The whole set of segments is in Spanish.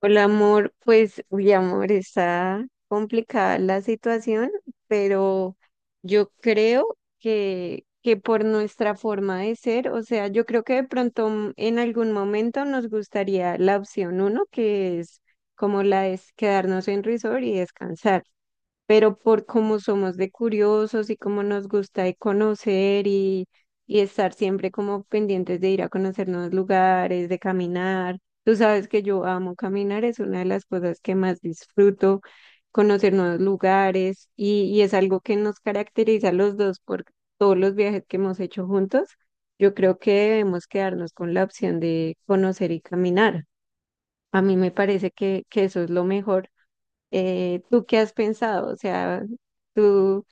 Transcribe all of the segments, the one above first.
Hola amor, pues uy amor, está complicada la situación, pero yo creo que por nuestra forma de ser, o sea, yo creo que de pronto en algún momento nos gustaría la opción uno, que es como la de quedarnos en resort y descansar, pero por cómo somos de curiosos y cómo nos gusta de conocer y estar siempre como pendientes de ir a conocer nuevos lugares, de caminar. Tú sabes que yo amo caminar, es una de las cosas que más disfruto, conocer nuevos lugares y es algo que nos caracteriza a los dos por todos los viajes que hemos hecho juntos. Yo creo que debemos quedarnos con la opción de conocer y caminar. A mí me parece que eso es lo mejor. ¿Tú qué has pensado? O sea, tú,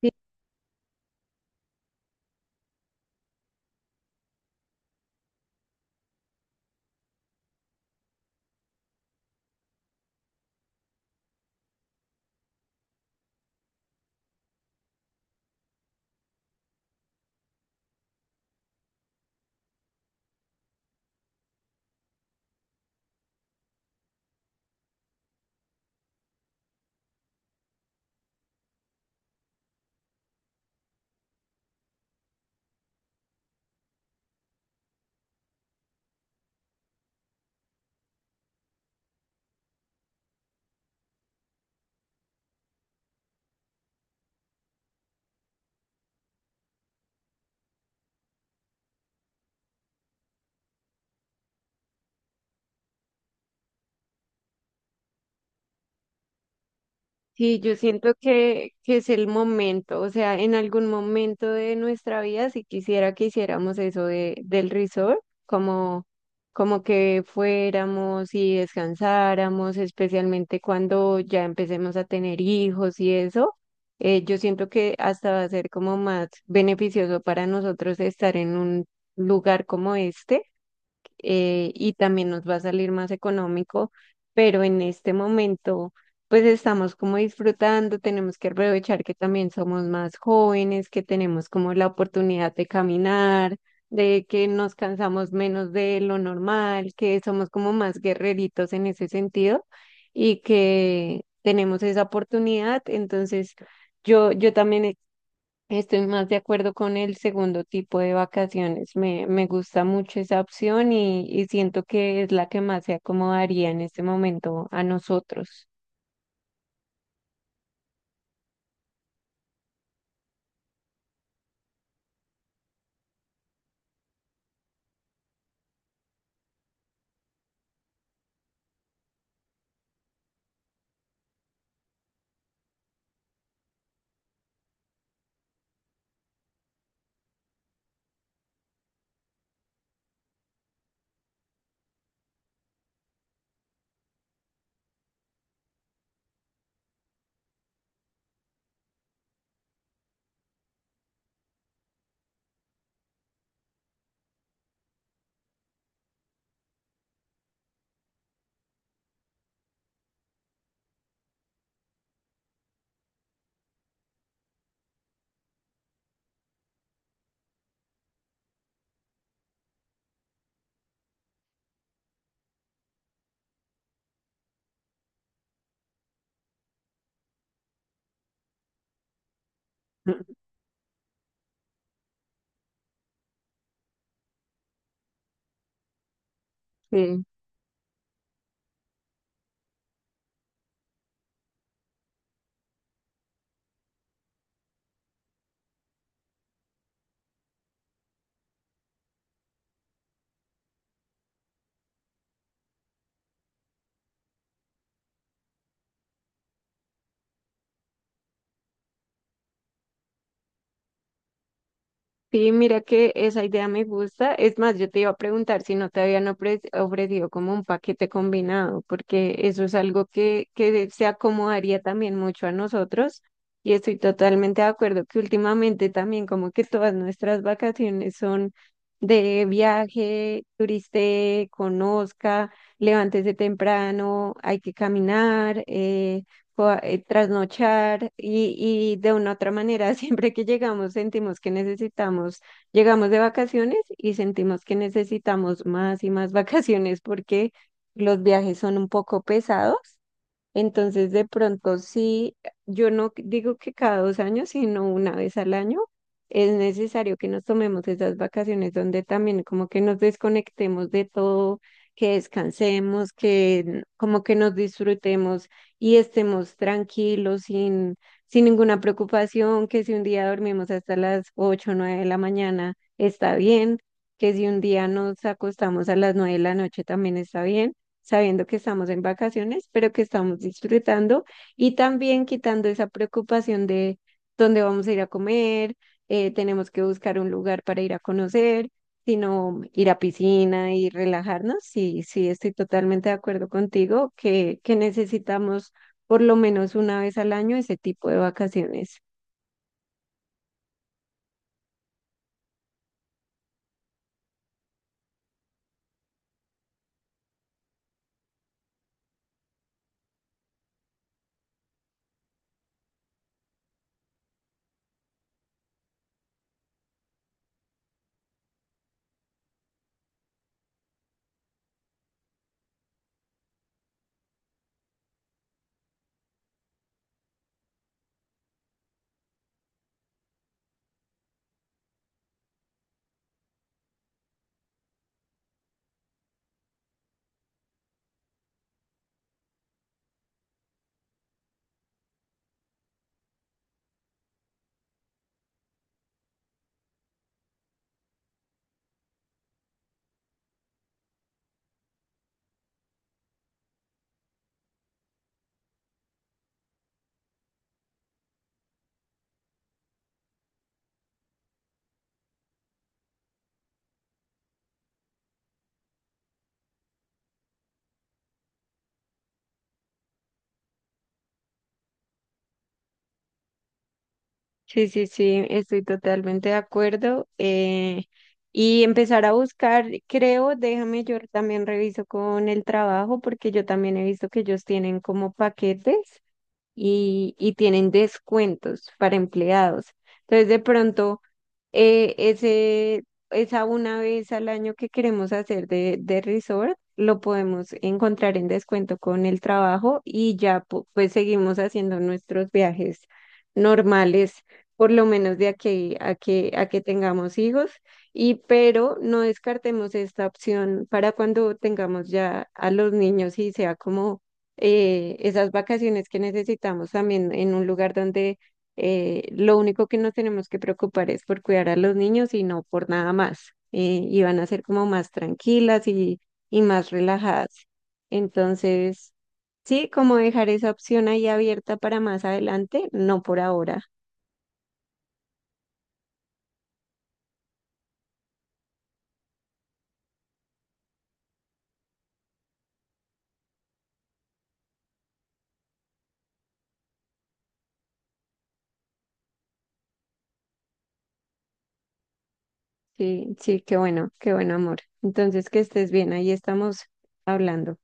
sí, sí, yo siento que es el momento, o sea, en algún momento de nuestra vida, si quisiera que hiciéramos eso del resort, como, como que fuéramos y descansáramos, especialmente cuando ya empecemos a tener hijos y eso. Yo siento que hasta va a ser como más beneficioso para nosotros estar en un lugar como este. Y también nos va a salir más económico, pero en este momento pues estamos como disfrutando, tenemos que aprovechar que también somos más jóvenes, que tenemos como la oportunidad de caminar, de que nos cansamos menos de lo normal, que somos como más guerreritos en ese sentido y que tenemos esa oportunidad, entonces... Yo también estoy más de acuerdo con el segundo tipo de vacaciones. Me gusta mucho esa opción y siento que es la que más se acomodaría en este momento a nosotros. Sí. Sí, mira que esa idea me gusta. Es más, yo te iba a preguntar si no te habían ofrecido como un paquete combinado, porque eso es algo que se acomodaría también mucho a nosotros. Y estoy totalmente de acuerdo que últimamente también como que todas nuestras vacaciones son de viaje, turiste, conozca, levántese temprano, hay que caminar. Trasnochar y de una u otra manera, siempre que llegamos sentimos que necesitamos, llegamos de vacaciones y sentimos que necesitamos más y más vacaciones porque los viajes son un poco pesados, entonces, de pronto sí, yo no digo que cada 2 años, sino 1 vez al año, es necesario que nos tomemos esas vacaciones donde también como que nos desconectemos de todo, que descansemos, como que nos disfrutemos y estemos tranquilos, sin ninguna preocupación, que si un día dormimos hasta las 8 o 9 de la mañana, está bien, que si un día nos acostamos a las 9 de la noche, también está bien, sabiendo que estamos en vacaciones, pero que estamos disfrutando, y también quitando esa preocupación de dónde vamos a ir a comer. Tenemos que buscar un lugar para ir a conocer, sino ir a piscina y relajarnos. Sí, sí, estoy totalmente de acuerdo contigo que necesitamos por lo menos 1 vez al año ese tipo de vacaciones. Sí, sí, sí, estoy totalmente de acuerdo. Y empezar a buscar, creo, déjame, yo también reviso con el trabajo porque yo también he visto que ellos tienen como paquetes y tienen descuentos para empleados. Entonces, de pronto... Eh, ese, Esa 1 vez al año que queremos hacer de resort, lo podemos encontrar en descuento con el trabajo y ya pues seguimos haciendo nuestros viajes normales, por lo menos de aquí a que tengamos hijos. Y pero no descartemos esta opción para cuando tengamos ya a los niños y sea como esas vacaciones que necesitamos también en un lugar donde lo único que nos tenemos que preocupar es por cuidar a los niños y no por nada más. Y van a ser como más tranquilas y más relajadas. Entonces, sí, como dejar esa opción ahí abierta para más adelante, no por ahora. Sí, sí, qué bueno, amor. Entonces, que estés bien, ahí estamos hablando.